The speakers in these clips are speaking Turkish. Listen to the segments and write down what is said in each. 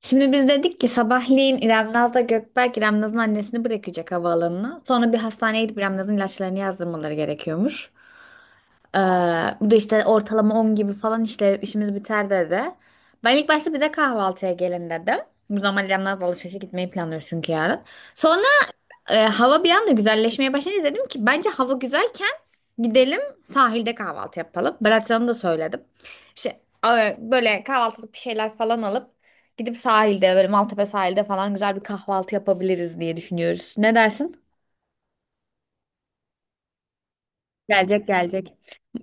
Şimdi biz dedik ki sabahleyin İrem Naz'la Gökberk İrem Naz'ın annesini bırakacak havaalanına. Sonra bir hastaneye gidip İrem Naz'ın ilaçlarını yazdırmaları gerekiyormuş. Ee, bu da işte ortalama 10 gibi falan işte işimiz biter dedi. Ben ilk başta bize kahvaltıya gelin dedim. Bu normal İrem'le az alışverişe gitmeyi planlıyoruz çünkü yarın. Sonra hava bir anda güzelleşmeye başladı. Dedim ki bence hava güzelken gidelim sahilde kahvaltı yapalım. Beratcan'a da söyledim. İşte böyle kahvaltılık bir şeyler falan alıp gidip sahilde böyle Maltepe sahilde falan güzel bir kahvaltı yapabiliriz diye düşünüyoruz. Ne dersin? Gelecek gelecek.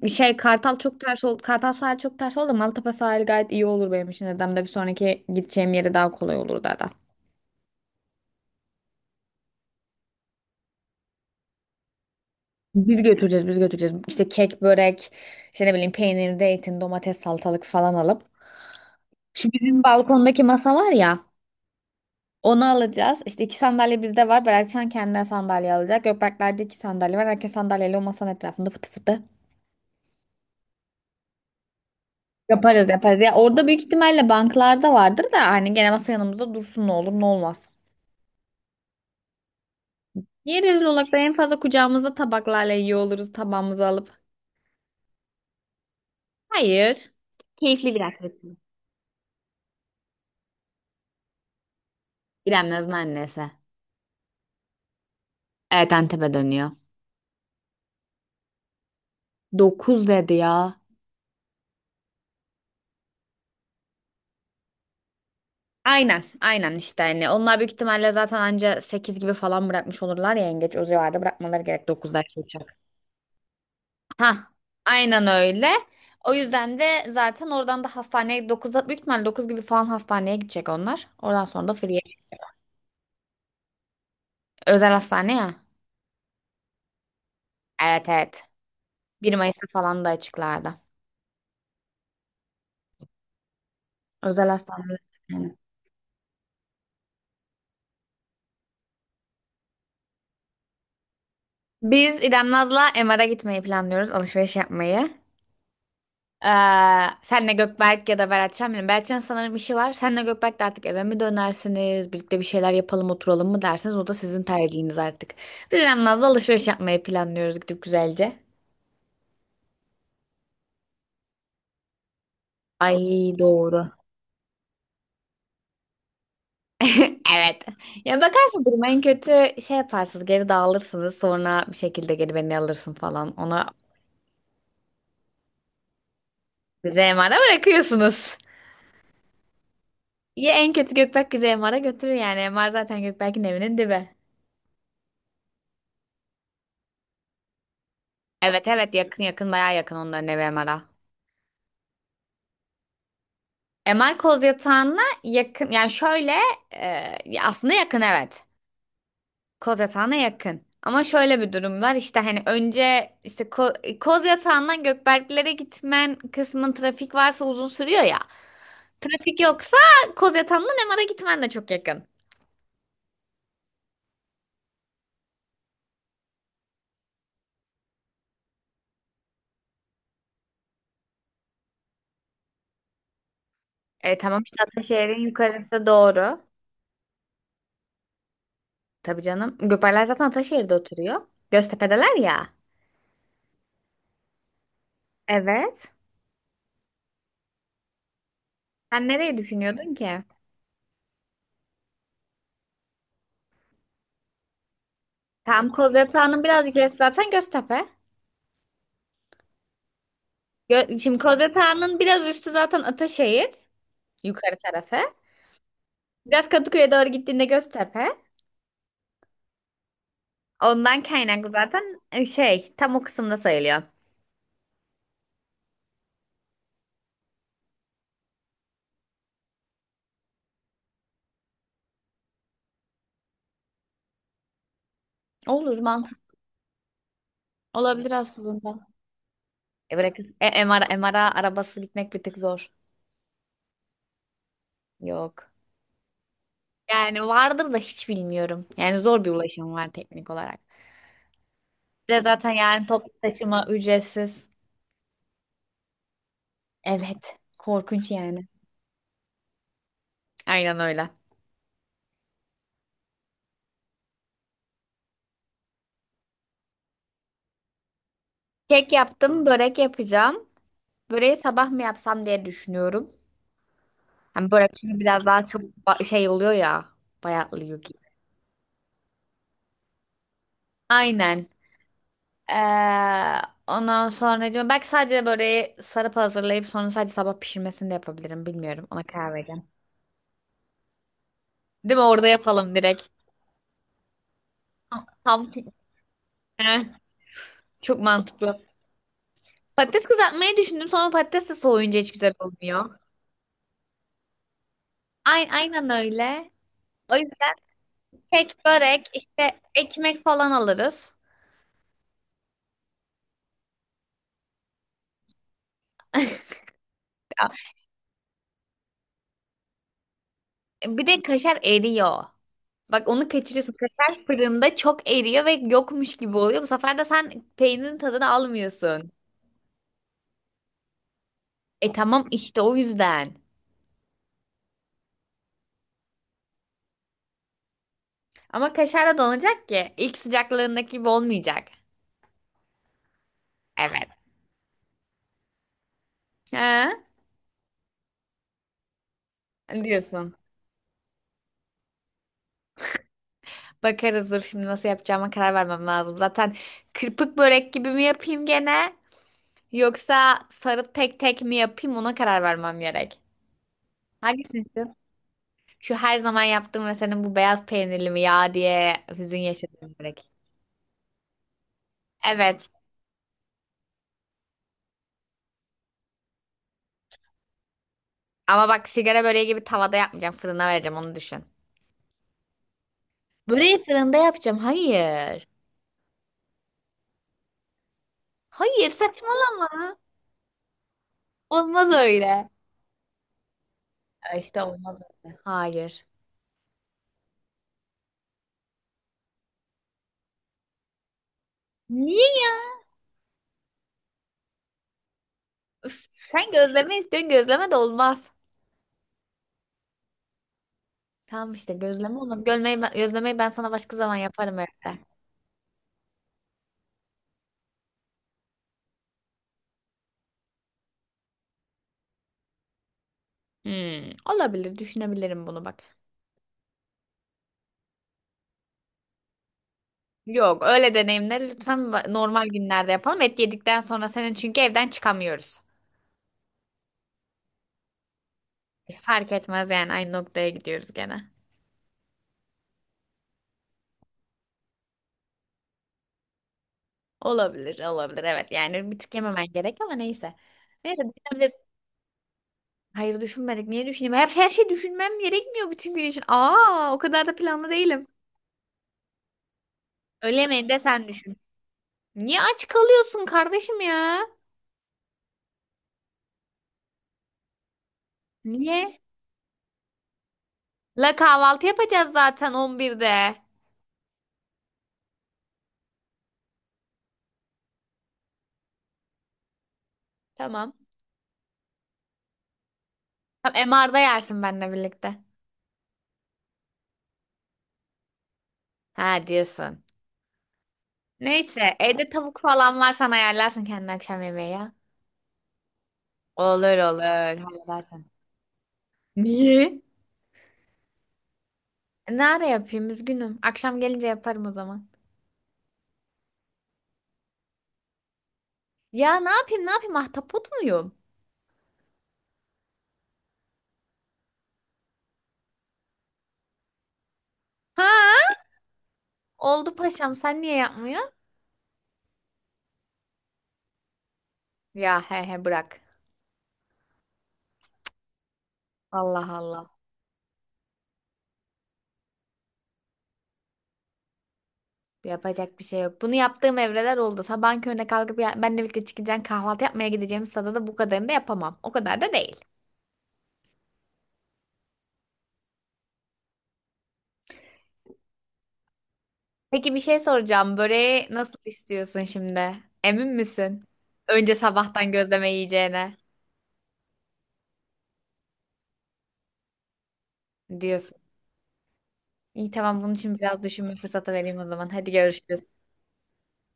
Şey Kartal çok ters oldu. Kartal sahil çok ters oldu. Maltepe sahil gayet iyi olur benim için. Dedem de bir sonraki gideceğim yere daha kolay olur da. Biz götüreceğiz biz götüreceğiz. İşte kek, börek, işte ne bileyim peynir, zeytin, domates, salatalık falan alıp. Şu bizim balkondaki masa var ya onu alacağız. İşte iki sandalye bizde var. Beratcan kendine sandalye alacak. Gökberkler'de iki sandalye var. Herkes sandalyeyle o masanın etrafında fıtı fıtı. Yaparız yaparız. Ya orada büyük ihtimalle banklarda vardır da hani gene masa yanımızda dursun ne olur ne olmaz. Niye rezil olarak da en fazla kucağımızda tabaklarla yiyor oluruz tabağımızı alıp? Hayır. Keyifli bir aktivite. İrem Naz'ın annesi. Evet, Antep'e dönüyor. 9 dedi ya. Aynen, aynen işte hani onlar büyük ihtimalle zaten anca 8 gibi falan bırakmış olurlar ya yengeç o civarda bırakmaları gerek 9'da işte uçak. Ha, aynen öyle. O yüzden de zaten oradan da hastaneye 9'da büyük ihtimalle 9 gibi falan hastaneye gidecek onlar. Oradan sonra da free. Özel hastane ya. Evet, evet. Bir Mayıs'ta falan da açıklardı. Özel hastaneler. Yani. Biz İrem Naz'la MR'a gitmeyi planlıyoruz. Alışveriş yapmayı. Ee, senle Gökberk ya da Beratcan bilmiyorum. Beratcan sanırım işi var. Senle Gökberk de artık eve mi dönersiniz? Birlikte bir şeyler yapalım oturalım mı dersiniz? O da sizin tercihiniz artık. Biz İrem Naz'la alışveriş yapmayı planlıyoruz gidip güzelce. Ay, doğru. Evet. Yani bakarsın duruma en kötü şey yaparsınız. Geri dağılırsınız. Sonra bir şekilde geri beni alırsın falan. Ona bize MR'a bırakıyorsunuz. Ya en kötü Gökberk bizi MR'a götürür yani. MR zaten Gökberk'in evinin dibi. Evet, evet, yakın yakın, bayağı yakın onların evi Emara. MR koz yatağına yakın yani şöyle e, ya aslında yakın, evet. Koz yatağına yakın. Ama şöyle bir durum var işte hani önce işte koz yatağından Gökberklere gitmen kısmın trafik varsa uzun sürüyor ya. Trafik yoksa koz yatağından MR'a gitmen de çok yakın. E tamam işte Ataşehir'in yukarısı. Yukarısı doğru. Tabii canım. Gökberkler zaten Ataşehir'de oturuyor. Göztepe'deler ya. Evet. Sen nereye düşünüyordun ki? Tam Kozyalı Ağa'nın birazcık gerisi zaten Göztepe. Şimdi Kozyalı Ağa'nın biraz üstü zaten Ataşehir. Yukarı tarafı. Biraz Kadıköy'e doğru gittiğinde Göztepe. Ondan kaynaklı zaten şey tam o kısımda sayılıyor. Olur, mantık olabilir aslında. E bırak MR, MR'a arabası gitmek bir tık zor. Yok. Yani vardır da hiç bilmiyorum. Yani zor bir ulaşım var teknik olarak. Ve zaten yani toplu taşıma ücretsiz. Evet. Korkunç yani. Aynen öyle. Kek yaptım, börek yapacağım. Böreği sabah mı yapsam diye düşünüyorum. Hani börek çünkü biraz daha çok şey oluyor ya. Bayatlıyor gibi. Aynen. Ee, ondan sonra diyorum, belki sadece böreği sarıp hazırlayıp sonra sadece sabah pişirmesini de yapabilirim. Bilmiyorum. Ona karar vereceğim. Değil mi? Orada yapalım direkt. Tam tam- Heh, çok mantıklı. Patates kızartmayı düşündüm. Sonra patates de soğuyunca hiç güzel olmuyor. Aynen öyle. O yüzden kek, börek, işte ekmek falan alırız. Ya, bir de kaşar eriyor. Bak onu kaçırıyorsun. Kaşar fırında çok eriyor ve yokmuş gibi oluyor. Bu sefer de sen peynirin tadını almıyorsun. E tamam işte o yüzden. Ama kaşar da donacak ki. İlk sıcaklığındaki gibi olmayacak. Evet. Ha? Diyorsun. Bakarız, dur şimdi nasıl yapacağıma karar vermem lazım. Zaten kırpık börek gibi mi yapayım gene? Yoksa sarıp tek tek mi yapayım, ona karar vermem gerek. Hangisini istiyorsun? Şu her zaman yaptığım ve senin bu beyaz peynirli mi ya diye hüzün yaşadığım börek. Evet. Ama bak sigara böreği gibi tavada yapmayacağım. Fırına vereceğim, onu düşün. Böreği fırında yapacağım. Hayır. Hayır, saçmalama. Olmaz öyle. Ya, İşte olmaz öyle. Hayır. Niye ya? Üf, sen gözleme istiyorsun. Gözleme de olmaz. Tamam işte gözleme olmaz. Gölmeyi ben, gözlemeyi ben sana başka zaman yaparım evde. Hmm, olabilir, düşünebilirim bunu bak. Yok, öyle deneyimleri lütfen normal günlerde yapalım. Et yedikten sonra senin çünkü evden çıkamıyoruz. Fark etmez yani aynı noktaya gidiyoruz gene. Olabilir, olabilir. Evet yani bir tık yememen gerek ama neyse. Neyse düşünebiliriz. Hayır düşünmedik. Niye düşüneyim? Hep her şey düşünmem gerekmiyor bütün gün için. Aa, o kadar da planlı değilim. Öğle yemeğini de sen düşün. Niye aç kalıyorsun kardeşim ya? Niye? La kahvaltı yapacağız zaten 11'de. Tamam. Tam MR'da yersin benimle birlikte. Ha diyorsun. Neyse evde tavuk falan var sen ayarlarsın kendi akşam yemeği ya. Olur olur halledersin. Niye? Ne ara yapayım, üzgünüm. Akşam gelince yaparım o zaman. Ya ne yapayım ne yapayım, ahtapot muyum? Ha? Oldu paşam, sen niye yapmıyorsun? Ya he he bırak. Allah Allah. Yapacak bir şey yok. Bunu yaptığım evreler oldu. Sabahın körüne kalkıp ya, benle birlikte çıkacaksın kahvaltı yapmaya gideceğimiz sırada da bu kadarını da yapamam. O kadar da değil. Peki bir şey soracağım. Böreği nasıl istiyorsun şimdi? Emin misin? Önce sabahtan gözleme yiyeceğine diyorsun. İyi tamam, bunun için biraz düşünme fırsatı vereyim o zaman. Hadi görüşürüz.